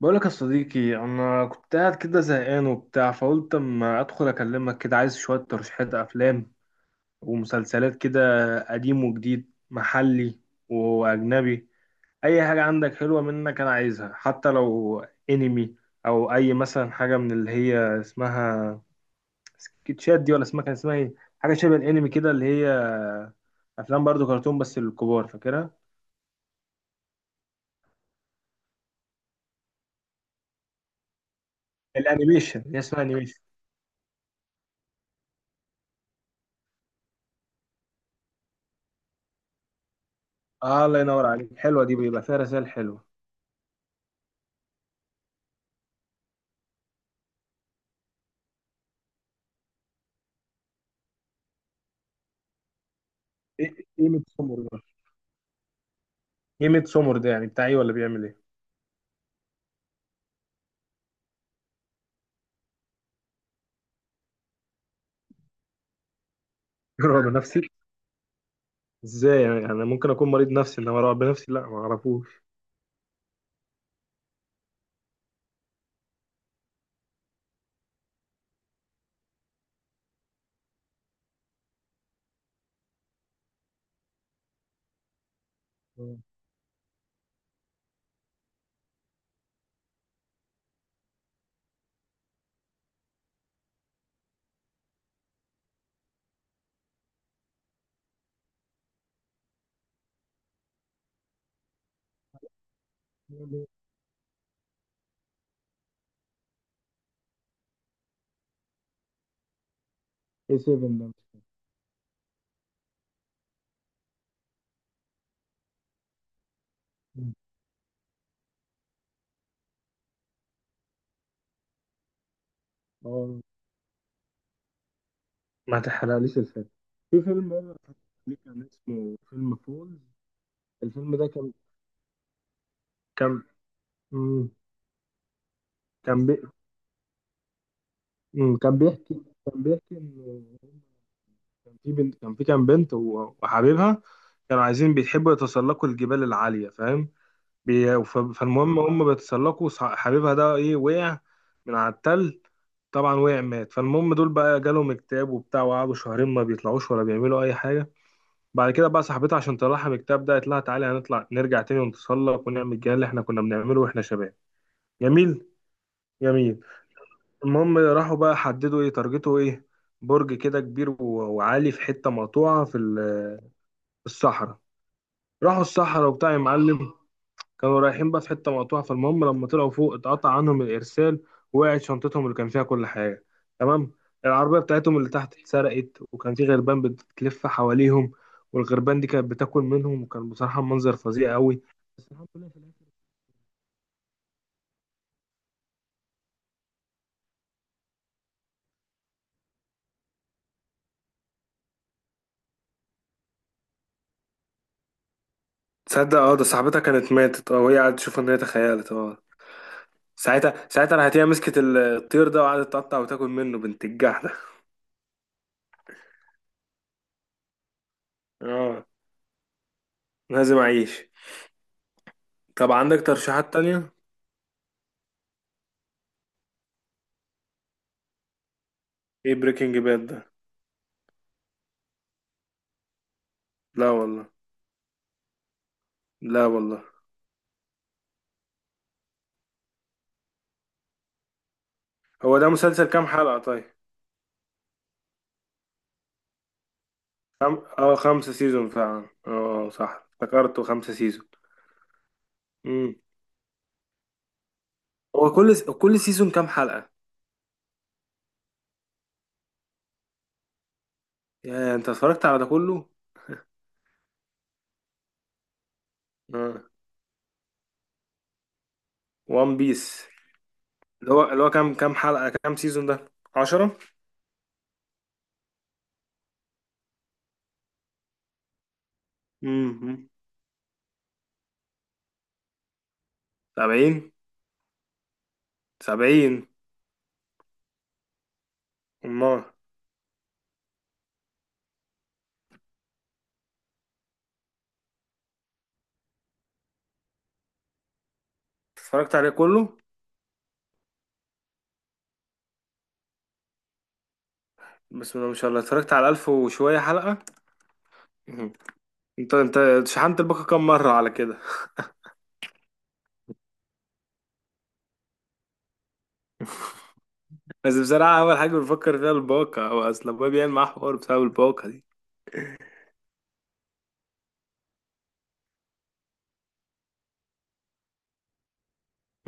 بقولك يا صديقي، انا كنت قاعد كده زهقان وبتاع، فقلت اما ادخل اكلمك كده. عايز شوية ترشيحات افلام ومسلسلات كده، قديم وجديد، محلي واجنبي. اي حاجة عندك حلوة منك انا عايزها، حتى لو انمي او اي مثلا حاجة من اللي هي اسمها سكتشات دي، ولا اسمها كان اسمها ايه، حاجة شبه الانمي كده، اللي هي افلام برضو كرتون بس للكبار، فاكرها الانيميشن؟ هي اسمها انيميشن. اه الله ينور عليك، حلوة دي بيبقى فيها رسائل حلوة. ايه ميدسومر ده؟ ايه ميدسومر ده، يعني بتاع ايه ولا بيعمل ايه؟ رعب نفسي؟ ازاي يعني؟ انا ممكن اكون مريض نفسي، انما رعب نفسي لا ما اعرفوش. آه. ايه 7 ده؟ مم. اه، ما تحرقليش الفيلم. في فيلم بقى ليه كان اسمه فيلم فولز، الفيلم ده كان كان مم. كان مم. كان بيحكي، كان بيحكي ان كان في بنت، كان في كام بنت وحبيبها، كانوا عايزين بيحبوا يتسلقوا الجبال العالية، فاهم؟ فالمهم هم بيتسلقوا، حبيبها ده ايه وقع من على التل. طبعا وقع مات. فالمهم دول بقى جالهم اكتئاب وبتاع، وقعدوا شهرين ما بيطلعوش ولا بيعملوا اي حاجه. بعد كده بقى صاحبتها عشان تطلعها من الاكتئاب ده، قالت لها تعالي هنطلع نرجع تاني ونتسلق ونعمل الجهاز اللي احنا كنا بنعمله واحنا شباب. جميل جميل. المهم راحوا بقى حددوا ايه تارجته ايه، برج كده كبير وعالي في حته مقطوعه في الصحراء. راحوا الصحراء وبتاع يا معلم. كانوا رايحين بقى في حتة مقطوعة، فالمهم لما طلعوا فوق اتقطع عنهم الإرسال، ووقعت شنطتهم اللي كان فيها كل حاجة. تمام. العربية بتاعتهم اللي تحت اتسرقت، وكان في غربان بتلف حواليهم، والغربان دي كانت بتاكل منهم، وكان بصراحة منظر فظيع قوي. بس الحمد لله في الآخر. تصدق اه، ده صاحبتها كانت ماتت اه، وهي قاعدة تشوف ان هي تخيلت اه. ساعتها راحت هي مسكت الطير ده وقعدت تقطع وتاكل منه بنت الجح ده. اه لازم اعيش. طب عندك ترشيحات تانية؟ ايه بريكنج باد ده؟ لا والله، لا والله. هو ده مسلسل كام حلقة طيب؟ اه، خمسة سيزون فعلا، اه صح افتكرته خمسة سيزون. امم. هو كل سيزون كام حلقة؟ يعني انت اتفرجت على ده كله؟ اه، وان بيس. اللي هو كام حلقة كام سيزون ده؟ عشرة؟ امم. سبعين. سبعين. امال؟ اتفرجت عليه كله؟ بسم الله ما شاء الله، اتفرجت على ألف وشوية حلقة. مم. انت شحنت الباقة كام مرة على كده؟ بس بصراحة أول حاجة بفكر فيها الباقة، هو أصل أبويا بيعمل معاه حوار بسبب الباقة.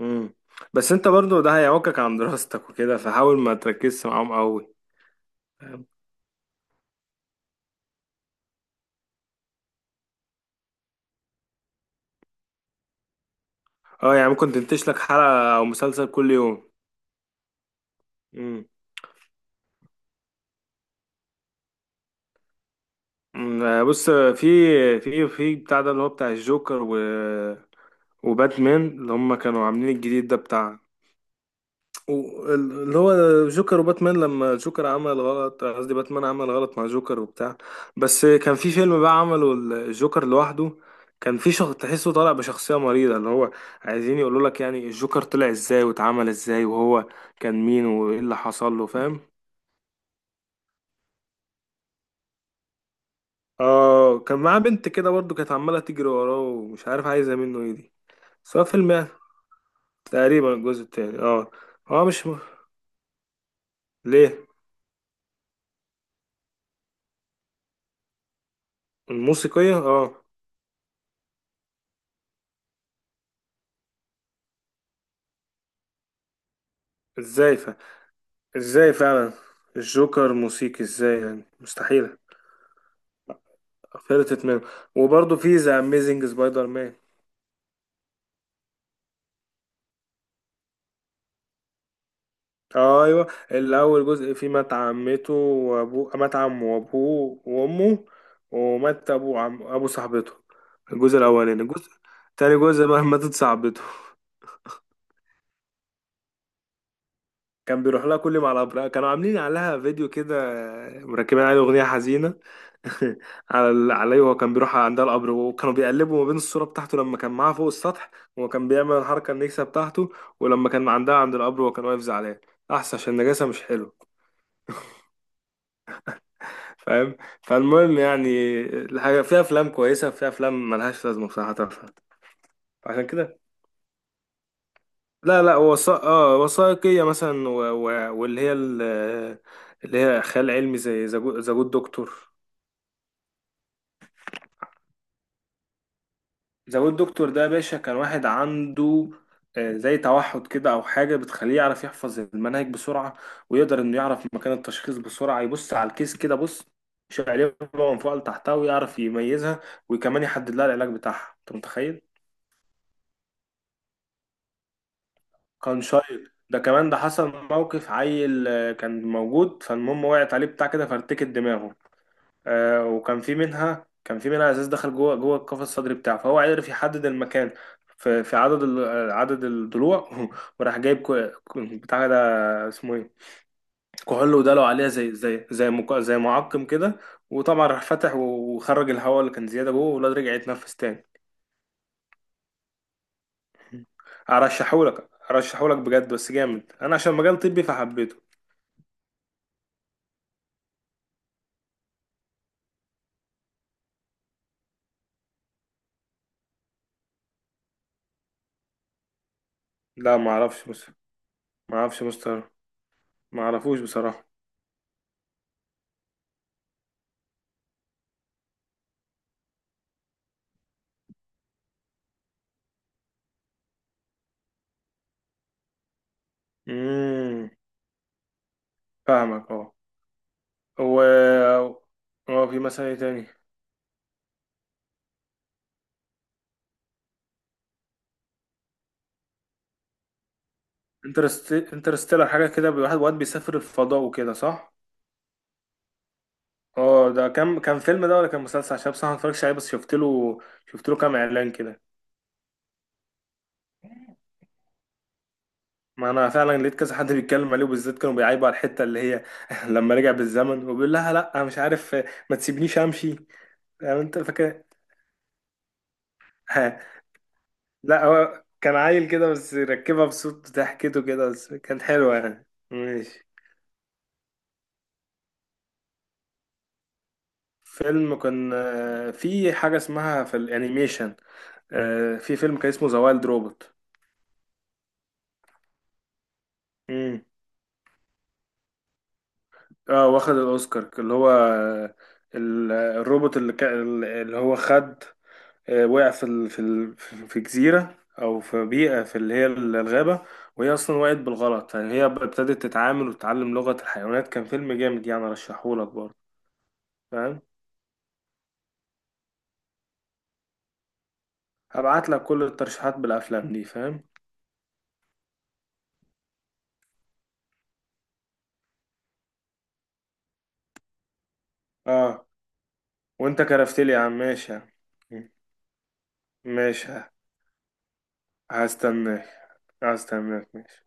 مم. بس انت برضو ده هيعوقك عن دراستك وكده، فحاول ما تركزش معاهم قوي. فاهم؟ اه، يعني ممكن تنتج لك حلقة او مسلسل كل يوم. مم. مم. بص، في في بتاع ده اللي هو بتاع الجوكر و وباتمان، اللي هم كانوا عاملين الجديد ده بتاع، اللي هو جوكر وباتمان، لما جوكر عمل غلط، قصدي باتمان عمل غلط مع جوكر وبتاع. بس كان في فيلم بقى عمله الجوكر لوحده. كان في شخص تحسه طالع بشخصية مريضة، اللي هو عايزين يقولوا لك يعني الجوكر طلع ازاي واتعمل ازاي، وهو كان مين وايه اللي حصل له، فاهم؟ اه كان معاه بنت كده برضه، كانت عمالة تجري وراه ومش عارف عايزة منه ايه دي، سواء فيلم يعني. تقريبا الجزء التاني اه. اه مش م... ليه؟ الموسيقية اه. ازاي؟ ازاي فعلا؟ الجوكر موسيقي ازاي يعني؟ مستحيلة. فلتت منه. وبرضه في ذا اميزنج سبايدر مان. ايوه، اللي اول جزء فيه مات عمته وابوه، مات عمه وابوه وامه، ومات ابو عم ابو صاحبته. الجزء الاولاني، الجزء تاني جزء بقى ماتت صاحبته. كان بيروح لها كل ما على أبرقها كانوا عاملين عليها فيديو كده مركبين عليه أغنية حزينة. على عليه، وهو كان بيروح عندها القبر، وكانوا بيقلبوا ما بين الصورة بتاعته لما كان معاها فوق السطح وهو كان بيعمل الحركة النكسة بتاعته، ولما كان عندها عند القبر وهو كان واقف زعلان. أحسن عشان النجاسة مش حلو، فاهم؟ فالمهم يعني الحاجة فيها أفلام كويسة، فيها أفلام ملهاش لازمة بصراحة تافهة. عشان كده، لا لا، وثائق اه وثائقية مثلا و... و... واللي هي اللي هي خيال علمي زي ذا جود دكتور. ذا ويب دكتور ده يا باشا، كان واحد عنده زي توحد كده او حاجه بتخليه يعرف يحفظ المناهج بسرعه، ويقدر انه يعرف مكان التشخيص بسرعه، يبص على الكيس كده بص يشيل عليه من فوق لتحتها ويعرف يميزها، وكمان يحدد لها العلاج بتاعها. انت متخيل؟ كان شايل ده كمان. ده حصل موقف عيل، كان موجود، فالمهم وقعت عليه بتاع كده فارتكت دماغه. وكان في منها، كان في منها ازاز دخل جوه جوه القفص الصدري بتاعه، فهو عرف يحدد المكان في عدد عدد الضلوع. وراح جايب بتاع ده اسمه ايه، كحول، وداله عليها زي زي زي معقم كده. وطبعا راح فتح وخرج الهواء اللي كان زياده جوه، والواد رجع يتنفس تاني. ارشحهولك بجد، بس جامد انا عشان مجال طبي فحبيته. لا ما اعرفش بس، ما اعرفش مستر، ما اعرفوش بصراحه. امم. فاهمك اه. و اه، في مثلا ايه تاني؟ انترستيلر، حاجه كده واحد واد بيسافر الفضاء وكده، صح؟ اه، ده كان كان فيلم ده ولا كان مسلسل؟ عشان بصراحه ما اتفرجتش عليه، بس شفت له كام اعلان كده. ما انا فعلا لقيت كذا حد بيتكلم عليه، وبالذات كانوا بيعيبوا على الحته اللي هي لما رجع بالزمن وبيقول لها لا أنا مش عارف ما تسيبنيش امشي، يعني انت فاكر؟ ها. لا هو كان عيل كده بس ركبها بصوت ضحكته كده، بس كانت حلوه يعني، ماشي. فيلم كان، في حاجة اسمها في الانيميشن، في فيلم كان اسمه ذا وايلد روبوت. امم. اه واخد الاوسكار، اللي هو الروبوت اللي هو خد، وقع في جزيرة او في بيئة في اللي هي الغابة، وهي اصلا وقعت بالغلط يعني. هي ابتدت تتعامل وتتعلم لغة الحيوانات. كان فيلم جامد يعني، ارشحهولك برضه. فاهم؟ هبعت لك كل الترشيحات بالافلام دي، فاهم؟ اه. وانت كرفت لي يا عم، ماشي يا عم. ماشي. هستناك. هستناك. ماشي.